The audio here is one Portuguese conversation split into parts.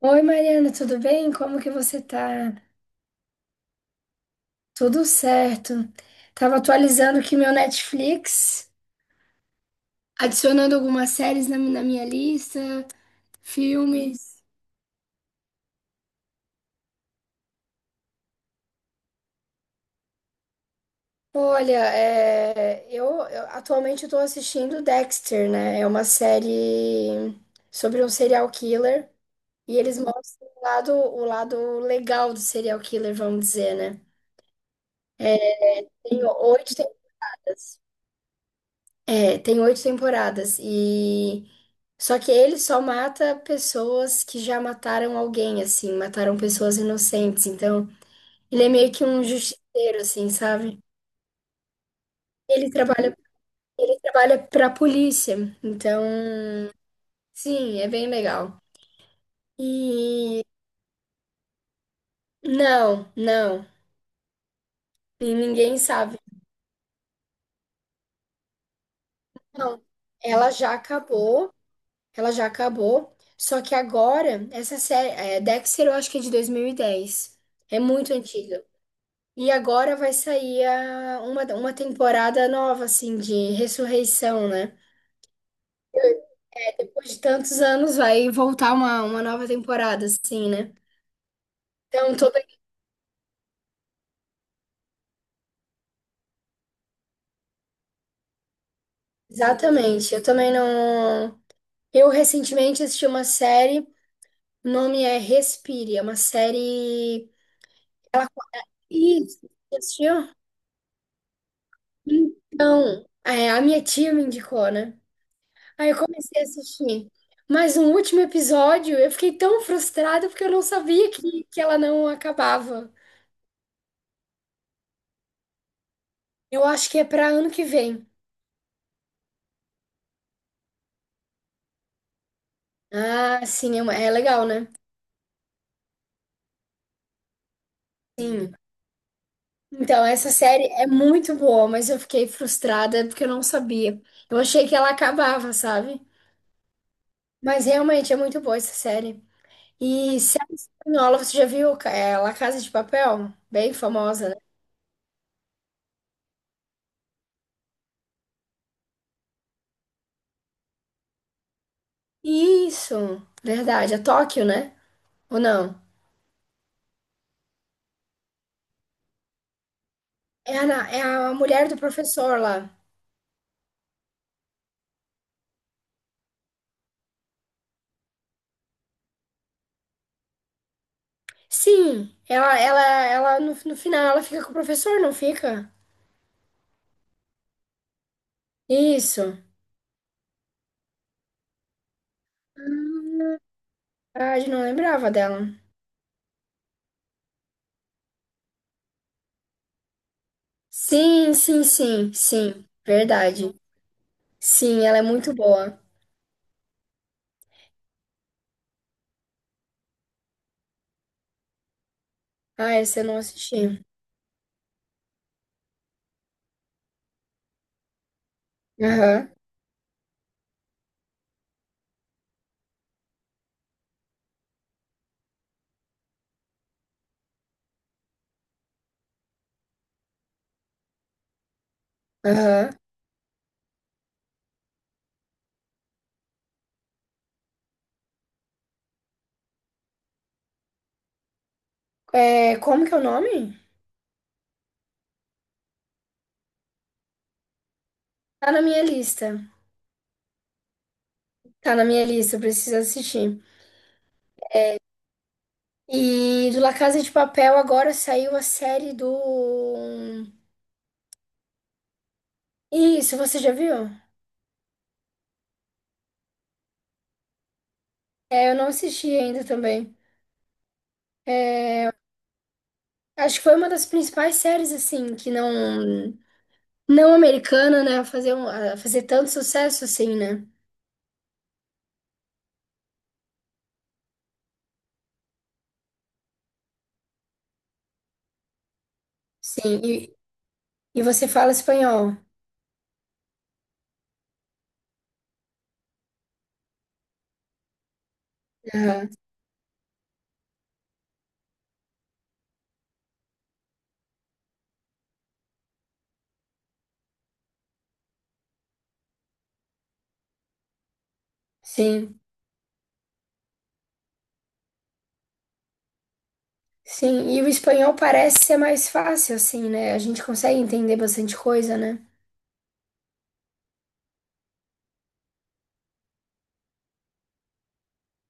Oi, Mariana, tudo bem? Como que você tá? Tudo certo. Tava atualizando aqui meu Netflix, adicionando algumas séries na minha lista, filmes. Olha, é, eu atualmente estou assistindo Dexter, né? É uma série sobre um serial killer e eles mostram o lado legal do serial killer, vamos dizer, né? Tem oito temporadas. É, tem oito temporadas e só que ele só mata pessoas que já mataram alguém, assim, mataram pessoas inocentes. Então, ele é meio que um justiceiro, assim, sabe? Ele trabalha, ele trabalha pra polícia. Então, sim, é bem legal. E não, não, e ninguém sabe. Não, ela já acabou, ela já acabou. Só que agora, essa série, é, Dexter, eu acho que é de 2010. É muito antiga. E agora vai sair uma temporada nova, assim, de ressurreição, né? Depois de tantos anos vai voltar uma nova temporada, assim, né? Então, tô bem... Exatamente. Eu também não. Eu recentemente assisti uma série, o nome é Respire, é uma série. Ela. Isso, você assistiu? Então, é, a minha tia me indicou, né? Aí eu comecei a assistir. Mas no último episódio eu fiquei tão frustrada porque eu não sabia que ela não acabava. Eu acho que é pra ano que vem. Ah, sim, é legal, né? Sim. Então, essa série é muito boa, mas eu fiquei frustrada porque eu não sabia. Eu achei que ela acabava, sabe? Mas realmente é muito boa essa série. E série espanhola, você já viu La Casa de Papel? Bem famosa, né? Isso, verdade. É Tóquio, né? Ou não? É a mulher do professor lá. Sim, ela no final ela fica com o professor, não fica? Isso. Hum, verdade, não lembrava dela. Sim, sim, sim, sim. Verdade. Sim, ela é muito boa. Ah, essa eu não assisti. Aham, aham. É, como que é o nome? Tá na minha lista. Tá na minha lista, eu preciso assistir. E do La Casa de Papel agora saiu a série do. Isso, você já viu? É, eu não assisti ainda também. É, acho que foi uma das principais séries, assim, que não americana, né? A fazer tanto sucesso, assim, né? Sim, e você fala espanhol. Aham, sim, sim. E o espanhol parece ser mais fácil, assim, né? A gente consegue entender bastante coisa, né?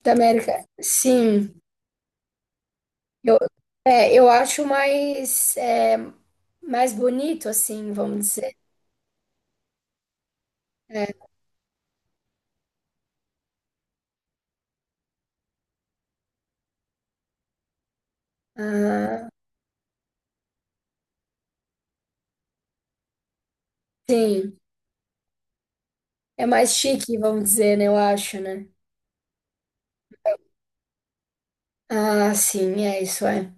Da América. Sim, eu, eu acho mais bonito, assim, vamos dizer. É. Ah, sim. É mais chique, vamos dizer, né? Eu acho, né? Ah, sim, é isso, é.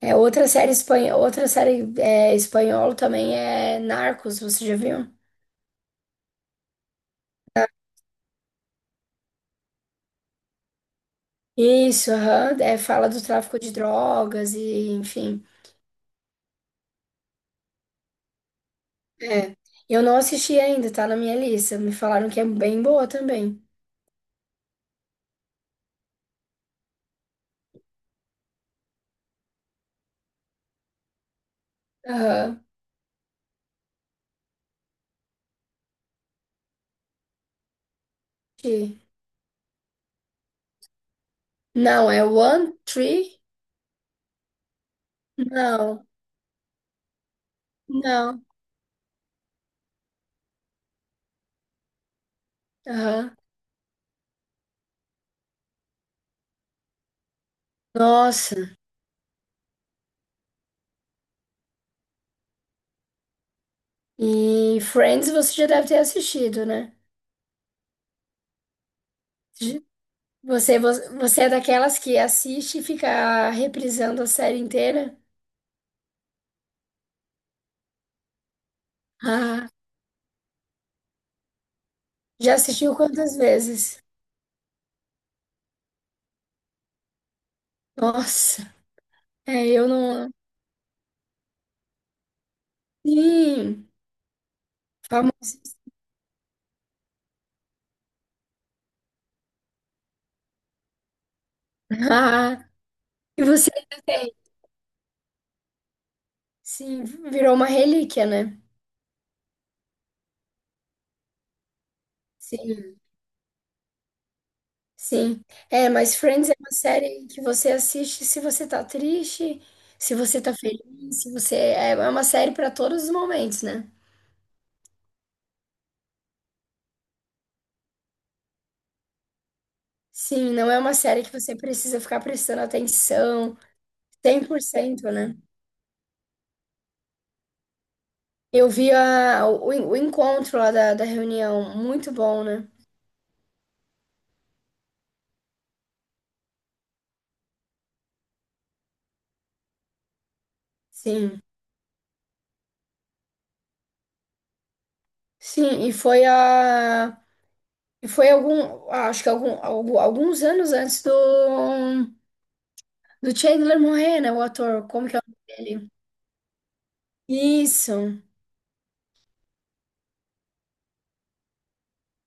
É outra série espanhola, outra série espanhola também é Narcos, você já viu? Isso, aham, é, fala do tráfico de drogas e, enfim. É. Eu não assisti ainda, tá na minha lista. Me falaram que é bem boa também. Aham. Assisti. Não, é One Tree? Não, não. Aham. Nossa. E Friends você já deve ter assistido, né? Você, vo- você é daquelas que assiste e fica reprisando a série inteira? Ah, já assistiu quantas vezes? Nossa, eu não. Sim, famoso. Ah, e você ainda tem? Sim, virou uma relíquia, né? Sim, sim. É, mas Friends é uma série que você assiste se você tá triste, se você tá feliz, se você. É é uma série pra todos os momentos, né? Sim, não é uma série que você precisa ficar prestando atenção. 100%, né? Eu vi o encontro lá da reunião, muito bom, né? Sim, sim, e foi a. E foi algum. Acho que alguns anos antes do Chandler morrer, né? O ator, como que é o nome dele? Isso,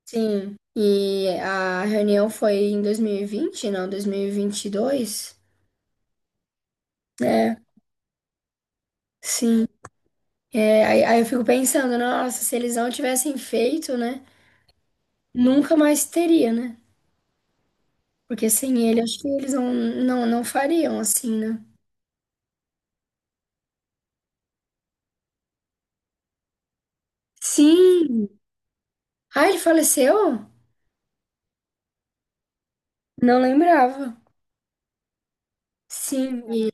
sim. E a reunião foi em 2020, não, Dois mil e vinte e dois. É, sim. É, aí, aí eu fico pensando, nossa, se eles não tivessem feito, né? Nunca mais teria, né? Porque sem ele, acho que eles não fariam assim, né? Sim, Ah, ele faleceu? Não lembrava. Sim, e,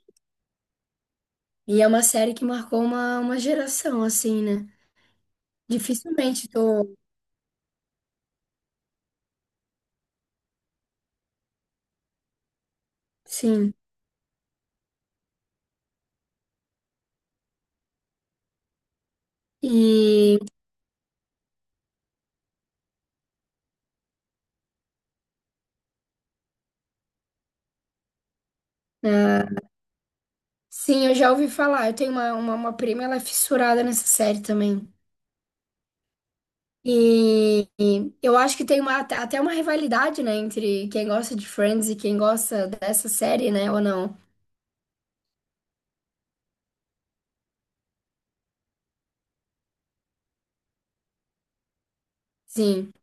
e é uma série que marcou uma geração, assim, né? Dificilmente tô. Sim. E. ah, sim, eu já ouvi falar. Eu tenho uma prima, ela é fissurada nessa série também. E eu acho que tem uma, até uma rivalidade, né? Entre quem gosta de Friends e quem gosta dessa série, né? Ou não? Sim.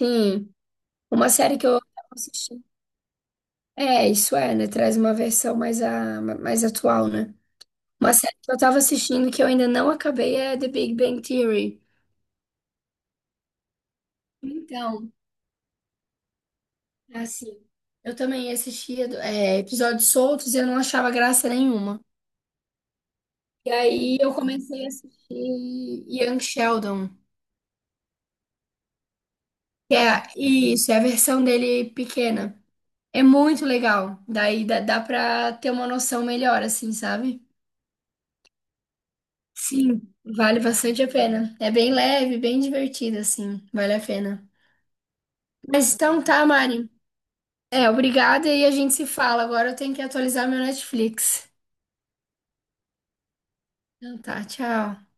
Sim. Uma série que eu assisti. É, isso é, né? Traz uma versão mais, a, mais atual, né? Uma série que eu tava assistindo que eu ainda não acabei é The Big Bang Theory. Então, é assim, eu também assistia episódios soltos e eu não achava graça nenhuma. E aí eu comecei a assistir Young Sheldon, que é isso, é a versão dele pequena. É muito legal. Daí dá pra ter uma noção melhor, assim, sabe? Sim, vale bastante a pena. É bem leve, bem divertido, assim. Vale a pena. Mas então tá, Mari. É, obrigada e a gente se fala. Agora eu tenho que atualizar meu Netflix. Então tá, tchau.